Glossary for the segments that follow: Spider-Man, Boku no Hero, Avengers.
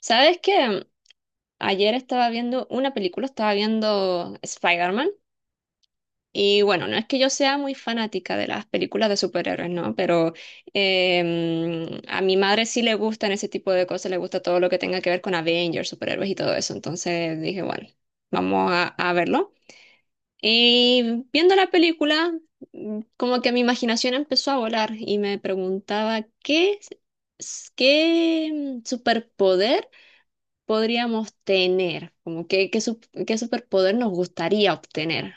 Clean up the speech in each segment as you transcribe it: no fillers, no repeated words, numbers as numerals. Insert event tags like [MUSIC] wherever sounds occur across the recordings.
¿Sabes qué? Ayer estaba viendo una película, estaba viendo Spider-Man. Y bueno, no es que yo sea muy fanática de las películas de superhéroes, ¿no? Pero a mi madre sí le gustan ese tipo de cosas, le gusta todo lo que tenga que ver con Avengers, superhéroes y todo eso. Entonces dije, bueno, vamos a verlo. Y viendo la película, como que mi imaginación empezó a volar y me preguntaba qué superpoder podríamos tener, como que, qué superpoder nos gustaría obtener.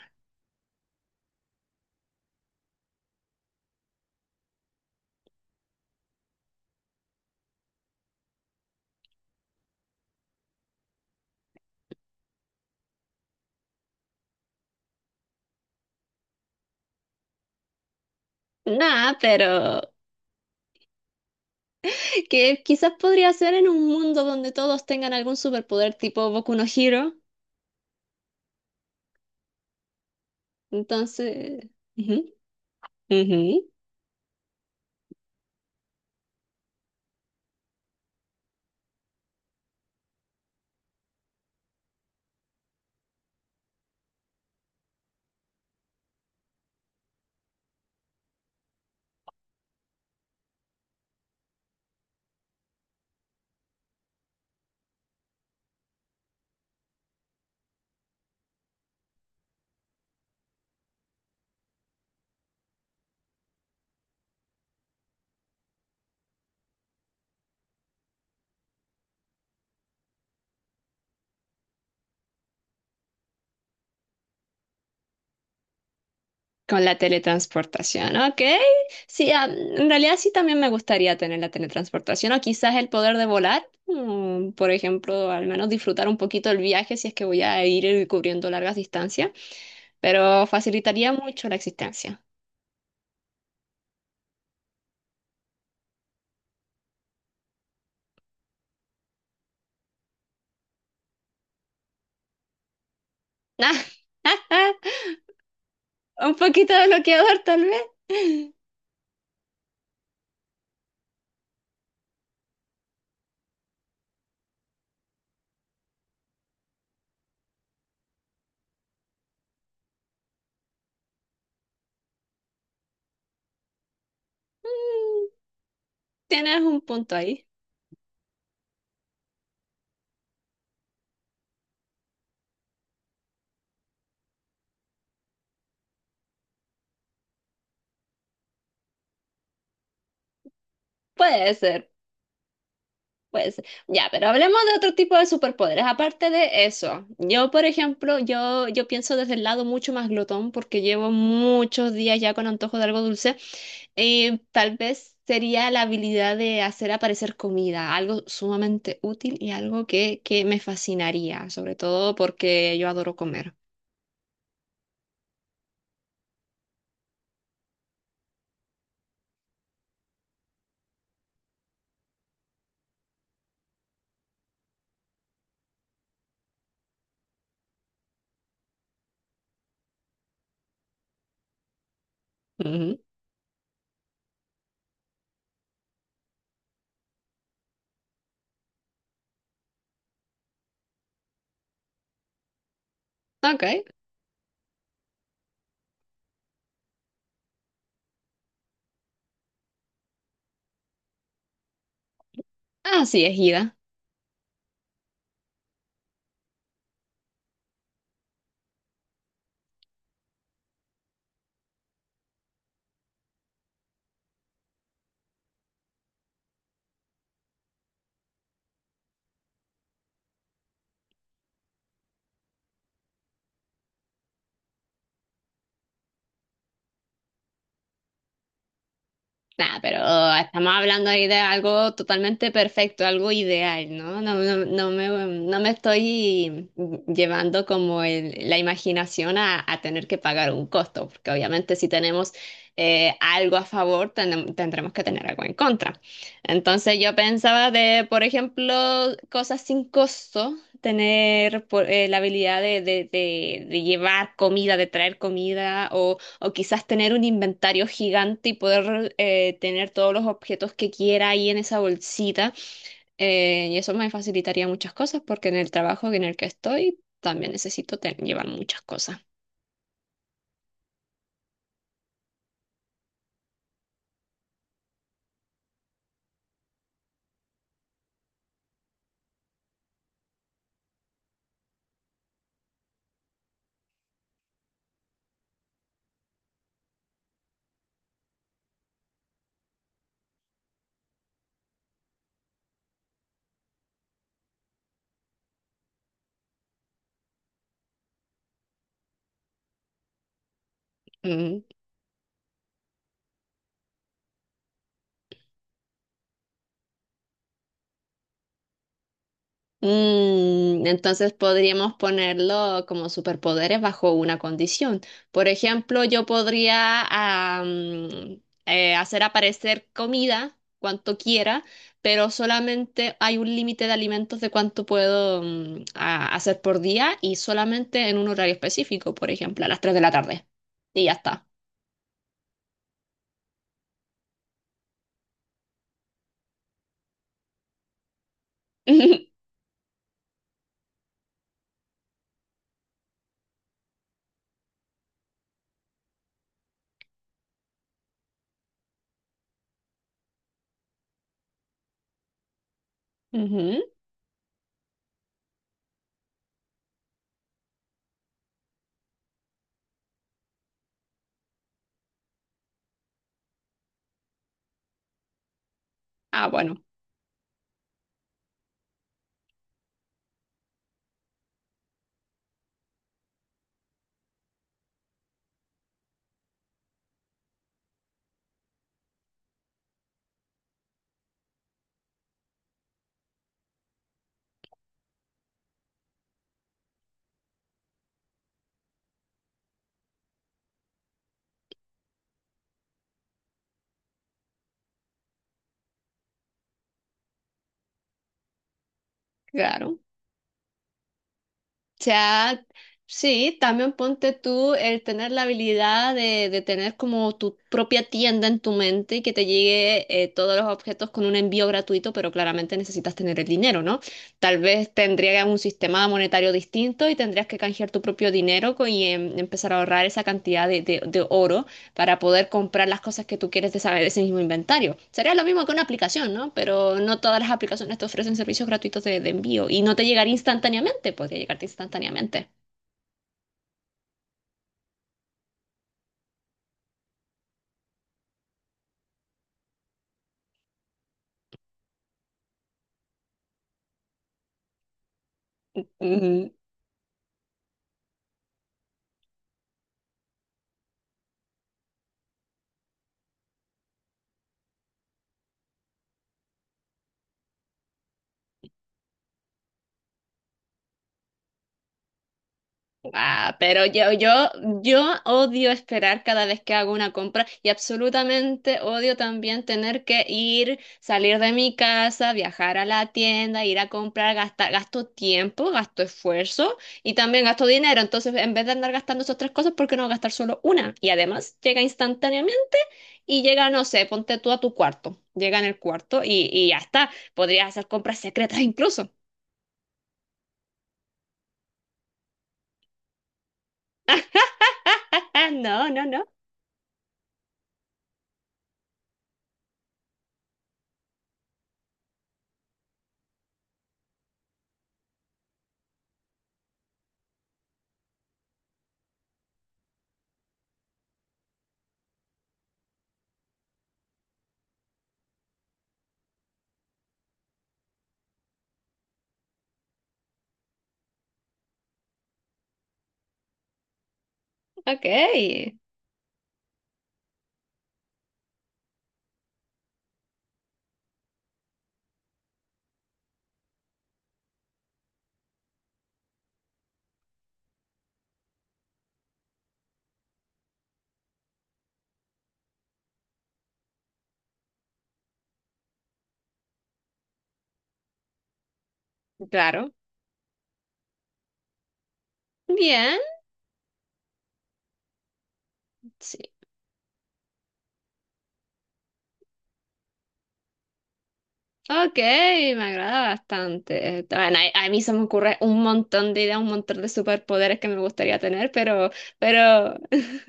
Nada, pero [LAUGHS] que quizás podría ser en un mundo donde todos tengan algún superpoder tipo Boku no Hero. Entonces, ujú, ujú. Con la teletransportación, ok. Sí, en realidad sí también me gustaría tener la teletransportación o quizás el poder de volar, por ejemplo, al menos disfrutar un poquito el viaje si es que voy a ir cubriendo largas distancias, pero facilitaría mucho la existencia. [LAUGHS] Un poquito bloqueador tal vez. [LAUGHS] Tienes un punto ahí. Puede ser. Pues ya, pero hablemos de otro tipo de superpoderes. Aparte de eso, yo, por ejemplo, yo pienso desde el lado mucho más glotón porque llevo muchos días ya con antojo de algo dulce. Tal vez sería la habilidad de hacer aparecer comida, algo sumamente útil y algo que me fascinaría, sobre todo porque yo adoro comer. Ujú. Ok. Así es, Ida. Nada, pero estamos hablando ahí de algo totalmente perfecto, algo ideal, ¿no? No, no, no me estoy llevando como la imaginación a tener que pagar un costo, porque obviamente si tenemos algo a favor, tendremos que tener algo en contra. Entonces yo pensaba de, por ejemplo, cosas sin costo, tener la habilidad de llevar comida, de traer comida o quizás tener un inventario gigante y poder tener todos los objetos que quiera ahí en esa bolsita. Y eso me facilitaría muchas cosas porque en el trabajo en el que estoy también necesito llevar muchas cosas. Mm. Entonces podríamos ponerlo como superpoderes bajo una condición. Por ejemplo, yo podría hacer aparecer comida cuanto quiera, pero solamente hay un límite de alimentos de cuánto puedo hacer por día y solamente en un horario específico, por ejemplo, a las 3 de la tarde. Y ya está. [LAUGHS] Ujú. Ah, bueno, claro. Sea, sí, también ponte tú el tener la habilidad de tener como tu propia tienda en tu mente y que te llegue todos los objetos con un envío gratuito, pero claramente necesitas tener el dinero, ¿no? Tal vez tendrías un sistema monetario distinto y tendrías que canjear tu propio dinero y empezar a ahorrar esa cantidad de oro para poder comprar las cosas que tú quieres de saber ese mismo inventario. Sería lo mismo que una aplicación, ¿no? Pero no todas las aplicaciones te ofrecen servicios gratuitos de envío y no te llegaría instantáneamente, podría llegarte instantáneamente. Ah, pero yo odio esperar cada vez que hago una compra y absolutamente odio también tener que ir, salir de mi casa, viajar a la tienda, ir a comprar, gastar, gasto tiempo, gasto esfuerzo y también gasto dinero. Entonces, en vez de andar gastando esas tres cosas, ¿por qué no gastar solo una? Y además llega instantáneamente y llega, no sé, ponte tú a tu cuarto. Llega en el cuarto y ya está. Podrías hacer compras secretas incluso. Ah, no, no, no. Ok. Claro. Bien. Sí. Ok, me agrada bastante. Bueno, a mí se me ocurre un montón de ideas, un montón de superpoderes que me gustaría tener, pero [LAUGHS]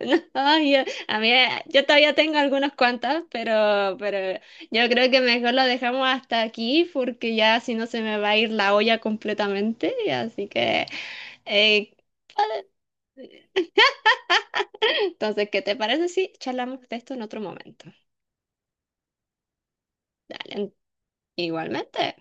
No, yo, a mí, yo todavía tengo algunas cuantas, pero yo creo que mejor lo dejamos hasta aquí porque ya si no se me va a ir la olla completamente. Así que, eh, [LAUGHS] entonces, ¿qué te parece si charlamos de esto en otro momento? Dale, igualmente.